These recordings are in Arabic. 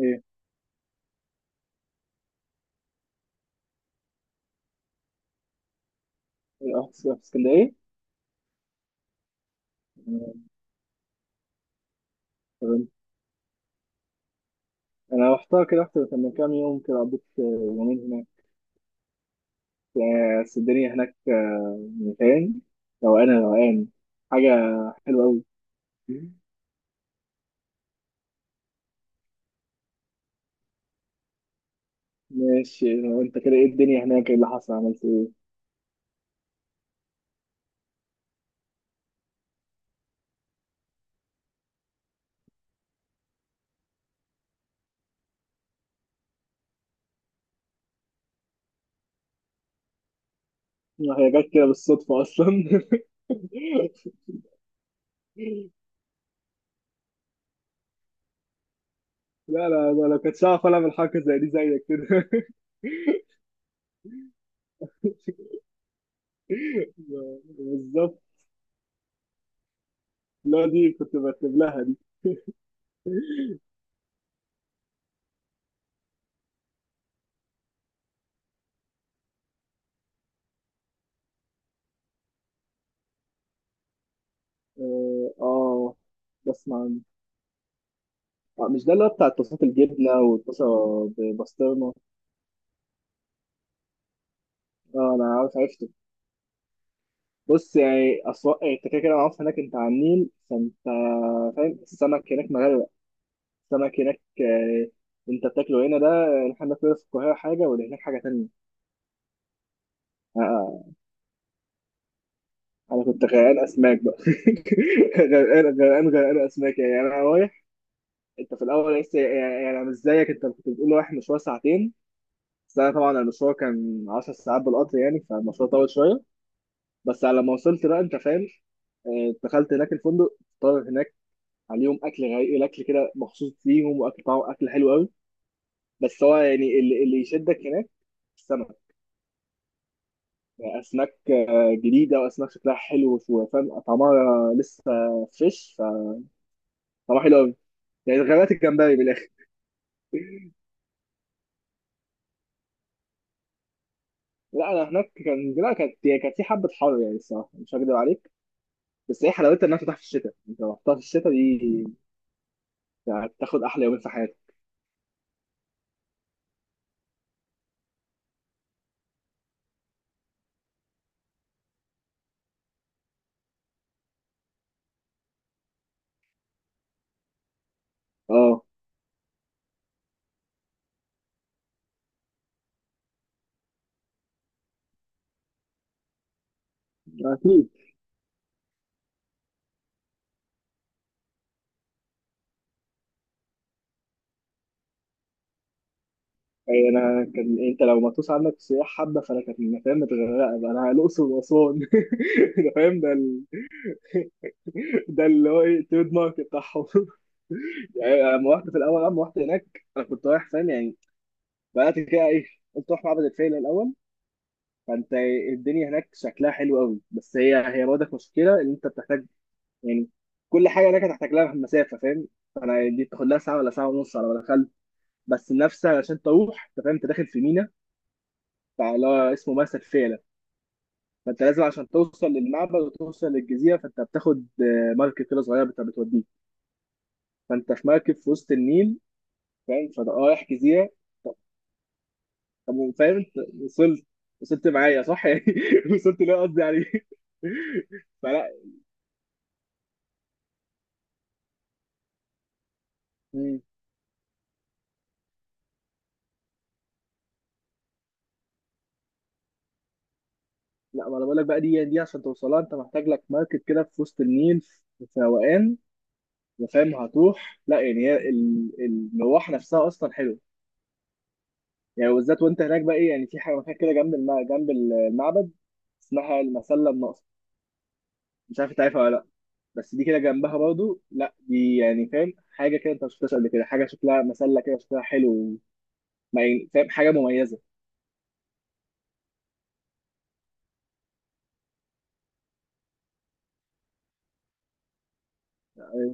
ايه. رحت في اسكندريه؟ مم. تمام، انا رحتها كده، رحت من كام يوم كده، قضيت يومين هناك. بس الدنيا هناك مكان روقان روقان، حاجه حلوه قوي. ماشي، لو انت كده ايه الدنيا هناك، ايه اللي حصل، عملت ايه؟ ما هي جت كده بالصدفه اصلا. لا، لو كنتش هعرف العب حاجه زي دي زيك كده. بالظبط. لا دي كنت برتب لها دي. اه آه. بسمع. آه، مش ده اللي هو بتاع الطاسات، الجبنه والطاسه ببسطرمه؟ اه انا عارف عرفته. بص يعني، اسواق انت كده كده معروف هناك، انت على النيل فانت فاهم، السمك هناك مغرق. السمك هناك آه، انت بتاكله هنا ده، احنا بناكله في القاهره حاجه واللي هناك حاجه تانيه. آه، انا كنت غرقان اسماك بقى. غرقان اسماك يعني، انا رايح. انت في الاول لسه يعني، انا مش زيك، انت كنت بتقول رايح مشوار ساعتين، بس انا طبعا المشوار كان 10 ساعات بالقطر يعني، فالمشوار طول شويه. بس على ما وصلت بقى، انت فاهم، دخلت هناك الفندق، طلب هناك عليهم اكل غير الاكل كده، مخصوص ليهم، واكل طعمه اكل حلو قوي. بس هو يعني اللي يشدك هناك السمك. يعني اسماك جديده، واسماك شكلها حلو، وفاهم طعمها لسه فريش، فطعمها حلو قوي. يعني غابات الجمبري بالاخر. لا انا هناك كان، لا كانت يعني كانت في حبه حر يعني، الصراحه مش هكدب عليك. بس هي حلاوتها انها تفتح في الشتاء، انت لو رحتها في الشتاء دي يعني، هتاخد احلى يومين في حياتك. اه اكيد. أي انا كان، انت لو مطوس عندك السياح حبه، فانا كانت فاهم متغرقه بقى، انا الاقصر واسوان. ده فاهم ده ده اللي هو ايه، التريد مارك بتاعهم. يعني أنا لما رحت في الاول لما رحت هناك، انا كنت رايح فاهم يعني، بدات كده ايه، قلت اروح معبد الفيلة الاول. فانت الدنيا هناك شكلها حلو قوي، بس هي هي برضك مشكله ان انت بتحتاج يعني، كل حاجه هناك هتحتاج لها مسافه فاهم. انا دي بتاخد لها ساعه ولا ساعه ونص على ما دخلت، بس نفسها عشان تروح انت فاهم، انت داخل في مينا، فاللي هو اسمه مرسى الفيلة. فانت لازم عشان توصل للمعبد وتوصل للجزيره، فانت بتاخد مركب كده صغيره بتوديك. فانت في مركب في وسط النيل فاهم، فده رايح جزيره. طب فاهم انت، وصلت وصلت معايا صح يعني، وصلت ليه قصدي يعني. فلا. مم. لا ما انا بقول لك بقى، دي عشان توصلها انت محتاج لك مركب كده في وسط النيل، في روقان، وفاهم هتروح، لا يعني هي المروح نفسها اصلا حلوه يعني، بالذات وانت هناك بقى ايه يعني، في حاجه مكان كده جنب جنب المعبد اسمها المسله الناقصه. مش عارف انت عارفها ولا لا، بس دي كده جنبها برضو، لا دي يعني فاهم حاجه كده انت ما شفتهاش قبل كده، حاجه شكلها مسله كده شكلها حلو، يعني فاهم حاجه مميزه.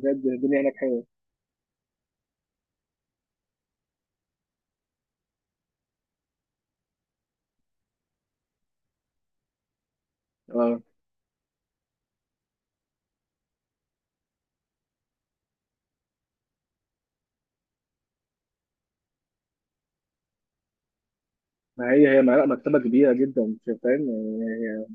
بجد الدنيا هناك حلوه. اه ما هي هي لا مكتبه كبيره جدا فاهم يعني، هي-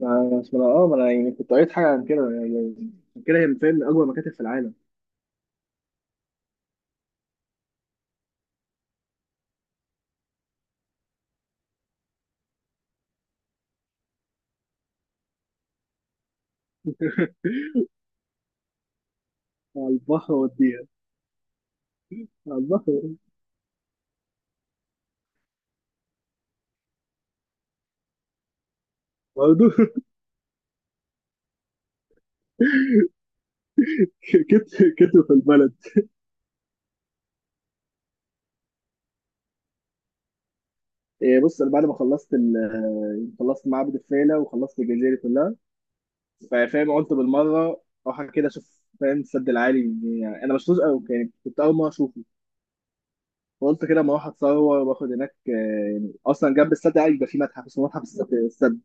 ما ما اه ما انا يعني كنت قريت حاجه عن كده يعني، عشان كده هي من فاهم من اكبر مكاتب في العالم. على البحر وديها. على البحر برضه. كتر كتر في البلد. إيه بص انا بعد ما خلصت خلصت معبد الفيلة وخلصت الجزيرة دي كلها فاهم، قلت بالمره اروح كده اشوف فاهم السد العالي، يعني انا مش قوي يعني كنت اول مره اشوفه، فقلت كده اما اروح اتصور واخد هناك آه. يعني اصلا جنب السد العالي بيبقى في متحف اسمه متحف السد السد.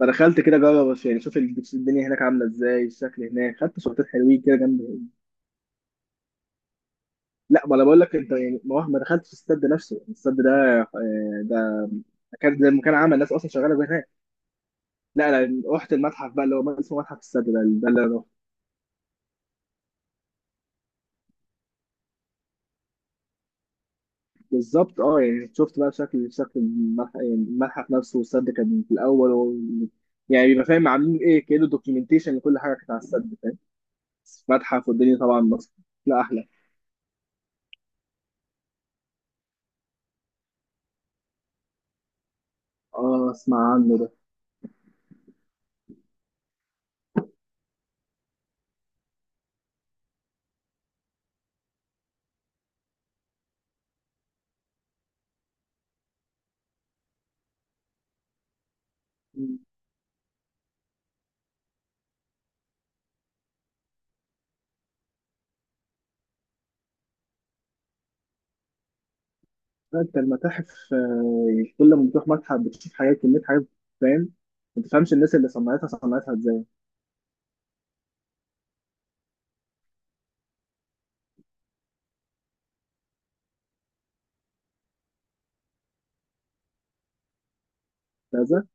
فدخلت كده اجرب يعني اشوف الدنيا هناك عامله ازاي، الشكل هناك، خدت صورتين حلوين كده جنب. لا ما انا بقول لك انت يعني ما دخلتش السد نفسه، السد ده ده كان زي ما كان عمل ناس اصلا شغاله هناك. لا انا رحت المتحف بقى اللي هو اسمه متحف السد ده، ده اللي انا. بالظبط، اه يعني شفت بقى شكل شكل يعني الملحق نفسه، والسد كان في الاول. يعني بيبقى فاهم عاملين ايه كده، دوكيومنتيشن لكل حاجه كانت على السد فاهم، متحف والدنيا طبعا مصر. لا احلى. اه اسمع عنه ده. مم. انت المتاحف يعني كل ما بتروح متحف بتشوف حاجات، كميه حاجات فاهم، ما تفهمش الناس اللي صنعتها صنعتها ازاي. ممتازه.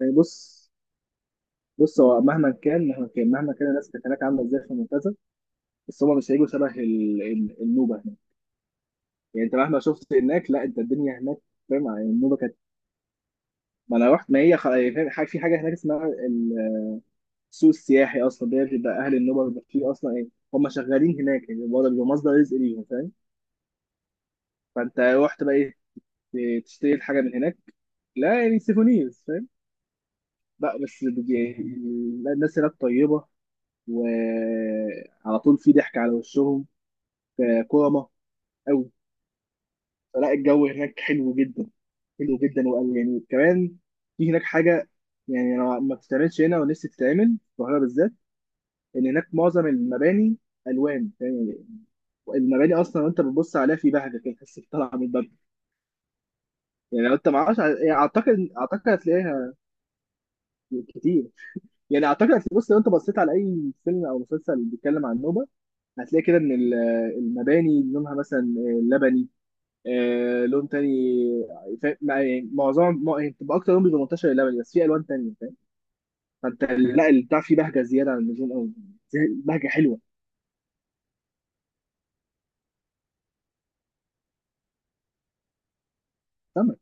يعني بص، بص هو مهما كان الناس كانت هناك عامله ازاي في ممتازه، بس هما مش هيجوا شبه النوبه يعني. انت مهما شفت هناك، لا انت الدنيا هناك فاهم، يعني النوبه كانت. ما انا رحت، ما هي خ... فاهم حاجه، في حاجه هناك اسمها السوق السياحي، اصلا ده بيبقى اهل النوبه بيبقى فيه اصلا ايه، هم شغالين هناك يعني، برضه بيبقى مصدر رزق ليهم فاهم. فانت رحت بقى ايه، تشتري الحاجه من هناك، لا يعني سيفونيرز فاهم. لا بس لا، الناس هناك طيبه، وعلى طول في ضحك على وشهم، كرمه قوي. فلا الجو هناك حلو جدا، حلو جدا، وقال يعني كمان في هناك حاجه يعني انا ما بتتعملش هنا، ونفسي تتعمل في القاهره بالذات، ان هناك معظم المباني الوان يعني، المباني اصلا وانت بتبص عليها في بهجه كده، تحس بطلعه من الباب. يعني لو انت معرفش يعني، اعتقد اعتقد هتلاقيها كتير، يعني اعتقد هتلاقي- بص لو انت بصيت على اي فيلم او مسلسل بيتكلم عن النوبه، هتلاقي كده ان المباني لونها مثلا لبني، آه لون تاني فاهم، يعني معظم يعني بتبقى اكتر لون بيبقى منتشر اللبني، بس في الوان تانية فاهم. فانت لا البتاع فيه بهجه زياده عن اللزوم قوي، بهجه حلوه. سمك.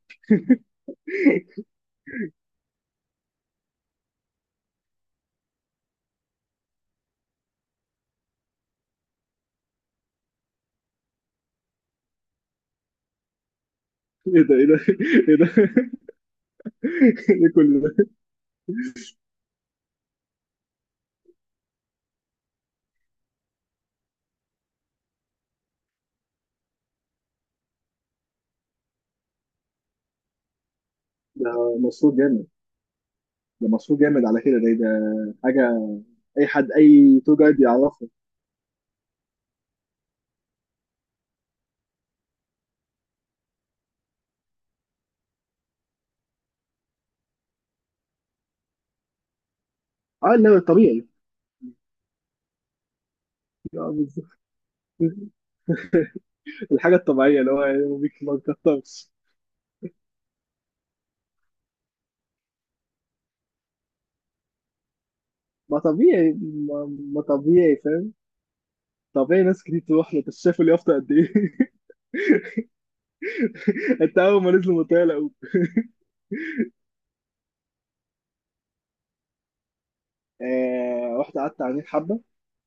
ايه ده، ايه ده، ايه ده. ايه كل ده. ده مشروع جامد، ده مشروع جامد على كده، ده ده حاجه اي حد اي تو جايد يعرفه. اه لا الطبيعي. آه، بالظبط. الحاجه الطبيعيه اللي هو يعني ما بيكترش. ما طبيعي، ما طبيعي فاهم، طبيعي ناس كتير تروح له، بس شايف اليافطه قد ايه. انت اول ما نزلوا من الطياره قوم. آه، رحت قعدت على النيل حبه،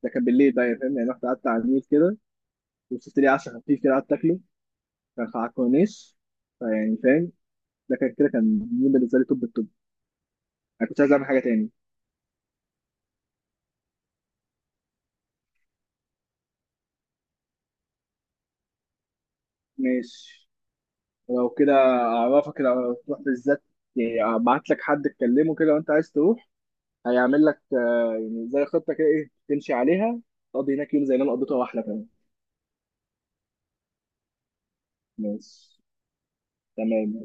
ده كان بالليل بقى يعني فاهم، يعني رحت قعدت على النيل كده، وشفت لي عشا خفيف كده قعدت اكله، كان على الكورنيش، فيعني فاهم ده كان كده كان يوم بالنسبه لي توب التوب. انا كنت عايز اعمل حاجه تاني. ماشي. لو كده اعرفك، لو تروح بالذات يعني، ابعت لك حد تكلمه كده وانت عايز تروح، هيعمل لك يعني زي خطه كده ايه تمشي عليها، تقضي هناك يوم زي اللي انا قضيته واحلى كمان. ماشي. تمام.